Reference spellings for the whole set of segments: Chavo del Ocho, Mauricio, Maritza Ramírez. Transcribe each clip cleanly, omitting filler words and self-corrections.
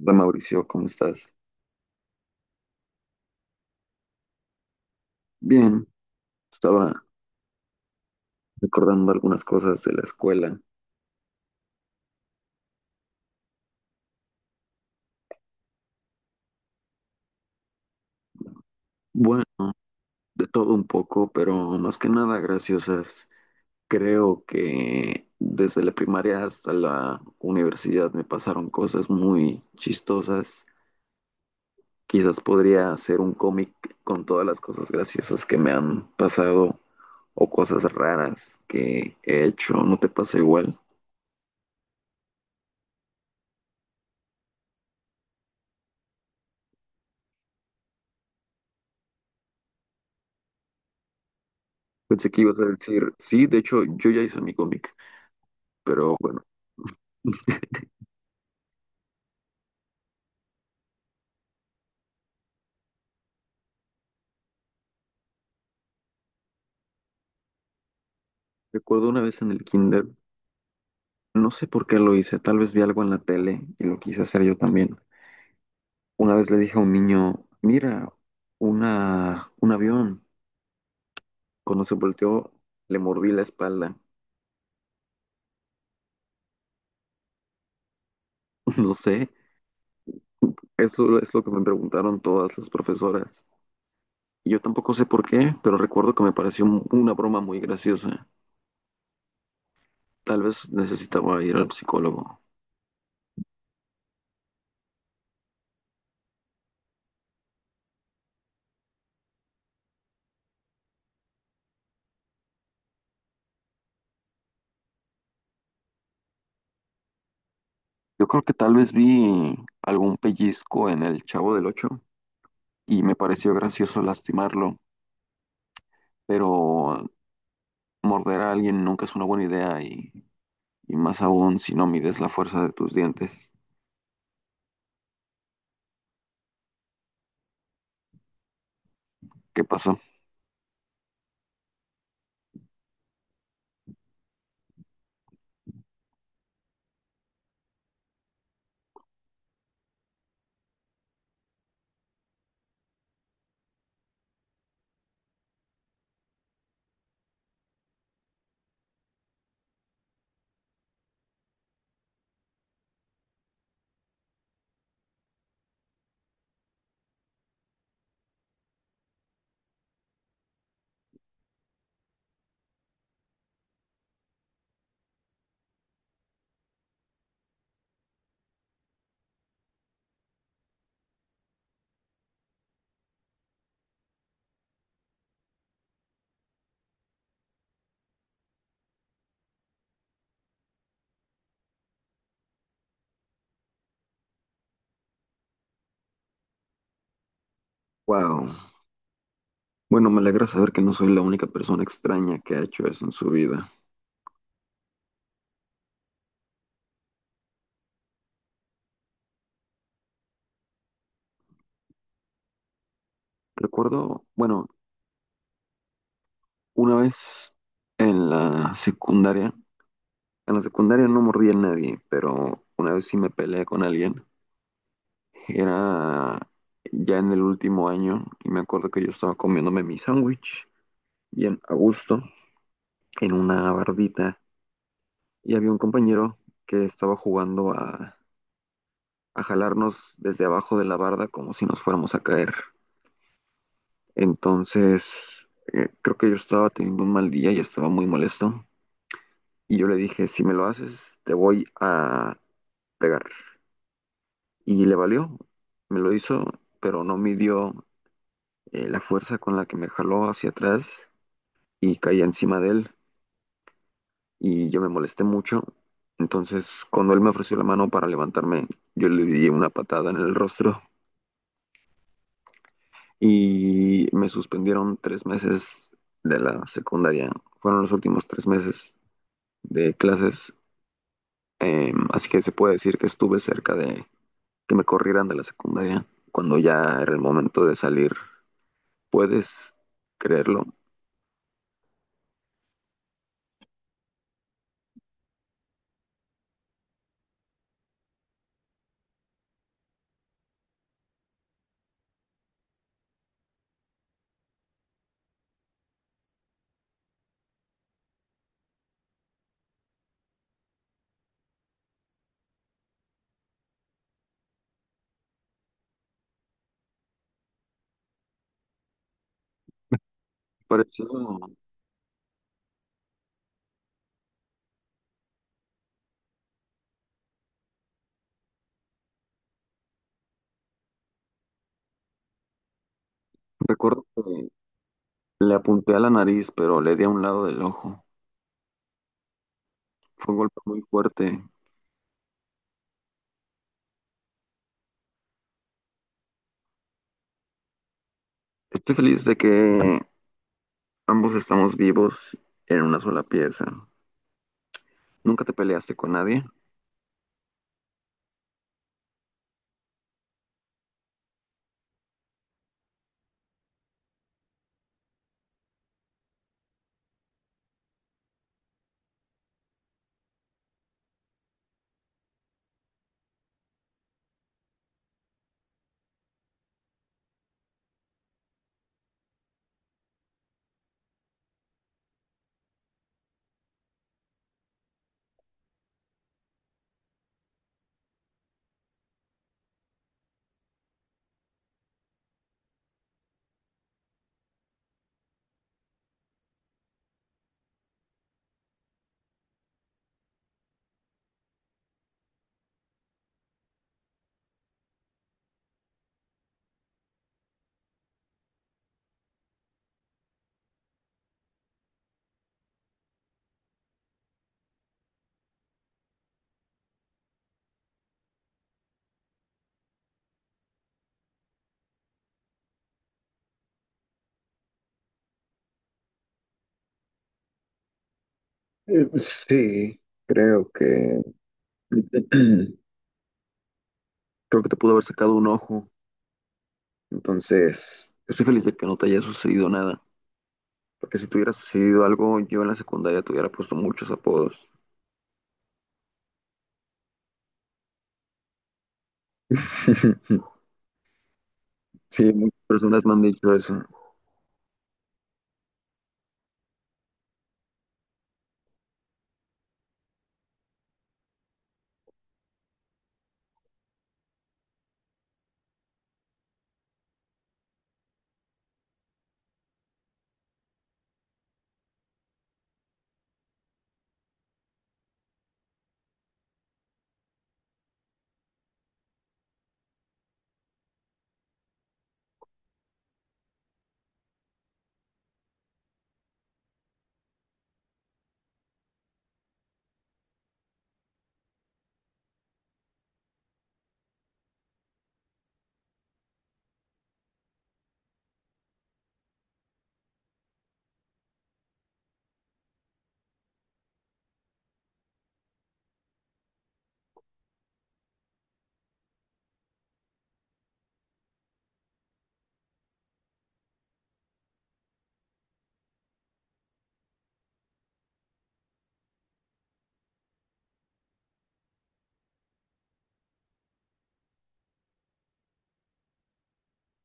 Hola Mauricio, ¿cómo estás? Bien, estaba recordando algunas cosas de la escuela. Bueno, de todo un poco, pero más que nada graciosas. Creo que desde la primaria hasta la universidad me pasaron cosas muy chistosas. Quizás podría hacer un cómic con todas las cosas graciosas que me han pasado o cosas raras que he hecho. ¿No te pasa igual? Pensé que ibas a decir, sí, de hecho yo ya hice mi cómic. Pero bueno. Recuerdo una vez en el kinder, no sé por qué lo hice, tal vez vi algo en la tele y lo quise hacer yo también. Una vez le dije a un niño, mira, un avión. Cuando se volteó, le mordí la espalda. No sé, eso es lo que me preguntaron todas las profesoras. Y yo tampoco sé por qué, pero recuerdo que me pareció una broma muy graciosa. Tal vez necesitaba ir al psicólogo. Yo creo que tal vez vi algún pellizco en el Chavo del Ocho y me pareció gracioso lastimarlo. Pero morder a alguien nunca es una buena idea y más aún si no mides la fuerza de tus dientes. ¿Qué pasó? Wow. Bueno, me alegra saber que no soy la única persona extraña que ha hecho eso en su vida. Recuerdo, bueno, una vez en la secundaria, en la secundaria no mordí a nadie, pero una vez sí me peleé con alguien. Era ya en el último año y me acuerdo que yo estaba comiéndome mi sándwich bien a gusto en una bardita y había un compañero que estaba jugando a jalarnos desde abajo de la barda como si nos fuéramos a caer. Entonces, creo que yo estaba teniendo un mal día y estaba muy molesto. Y yo le dije, si me lo haces, te voy a pegar. Y le valió, me lo hizo, pero no midió la fuerza con la que me jaló hacia atrás y caí encima de él. Y yo me molesté mucho. Entonces, cuando él me ofreció la mano para levantarme, yo le di una patada en el rostro y me suspendieron tres meses de la secundaria. Fueron los últimos tres meses de clases, así que se puede decir que estuve cerca de que me corrieran de la secundaria cuando ya era el momento de salir. ¿Puedes creerlo? Pareció, recuerdo que le apunté a la nariz, pero le di a un lado del ojo. Fue un golpe muy fuerte. Estoy feliz de que ambos estamos vivos en una sola pieza. ¿Nunca te peleaste con nadie? Sí, creo que creo que te pudo haber sacado un ojo. Entonces, estoy feliz de que no te haya sucedido nada. Porque si te hubiera sucedido algo, yo en la secundaria te hubiera puesto muchos apodos. Sí, muchas personas me han dicho eso.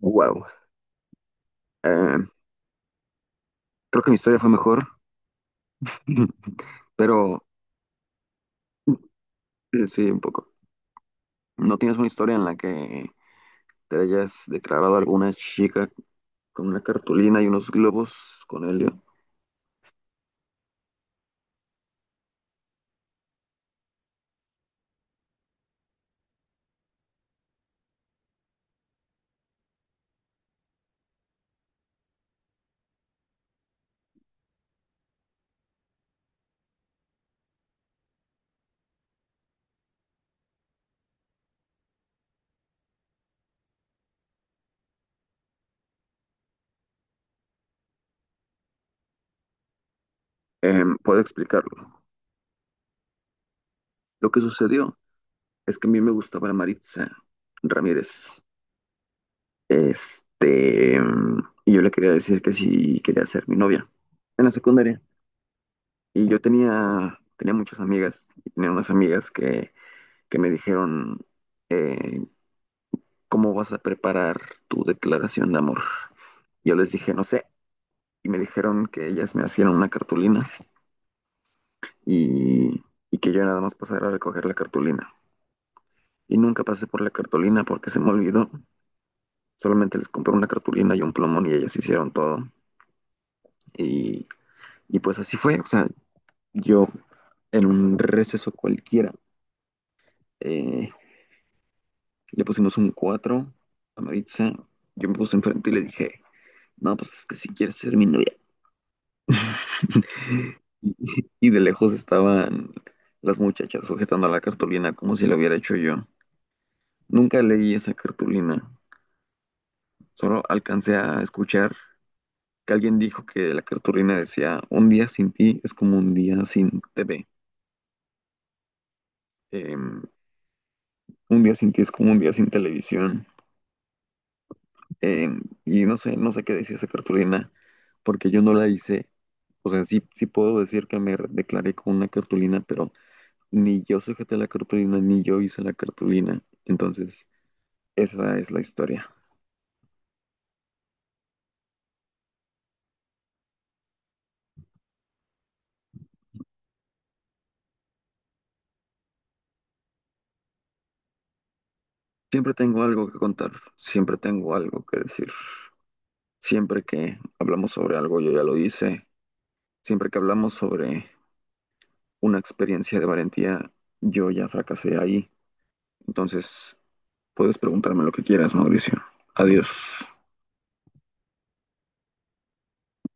Wow. Eh, creo que mi historia fue mejor, pero sí, un poco. ¿No tienes una historia en la que te hayas declarado a alguna chica con una cartulina y unos globos con helio? Puedo explicarlo. Lo que sucedió. Es que a mí me gustaba la Maritza Ramírez. Este, mm, y yo le quería decir que sí quería ser mi novia en la secundaria. Y yo tenía muchas amigas, y tenía unas amigas que me dijeron, eh, ¿cómo vas a preparar tu declaración de amor? Yo les dije, no sé, y me dijeron que ellas me hacían una cartulina y, y que yo nada más pasara a recoger la cartulina. Y nunca pasé por la cartulina porque se me olvidó. Solamente les compré una cartulina y un plumón y ellas hicieron todo. Y, y pues así fue. O sea, yo en un receso cualquiera eh, le pusimos un 4 a Maritza. Yo me puse enfrente y le dije, no, pues es que si quieres ser mi novia. Y, y de lejos estaban las muchachas sujetando la cartulina como si la hubiera hecho yo. Nunca leí esa cartulina, solo alcancé a escuchar que alguien dijo que la cartulina decía, un día sin ti es como un día sin TV, em, un día sin ti es como un día sin televisión, y no sé, no sé qué decía esa cartulina, porque yo no la hice, o sea, sí, sí puedo decir que me declaré con una cartulina, pero ni yo sujeté la cartulina, ni yo hice la cartulina, entonces esa es la historia. Siempre tengo algo que contar, siempre tengo algo que decir. Siempre que hablamos sobre algo, yo ya lo hice. Siempre que hablamos sobre una experiencia de valentía, yo ya fracasé ahí. Entonces, puedes preguntarme lo que quieras, Mauricio. Adiós.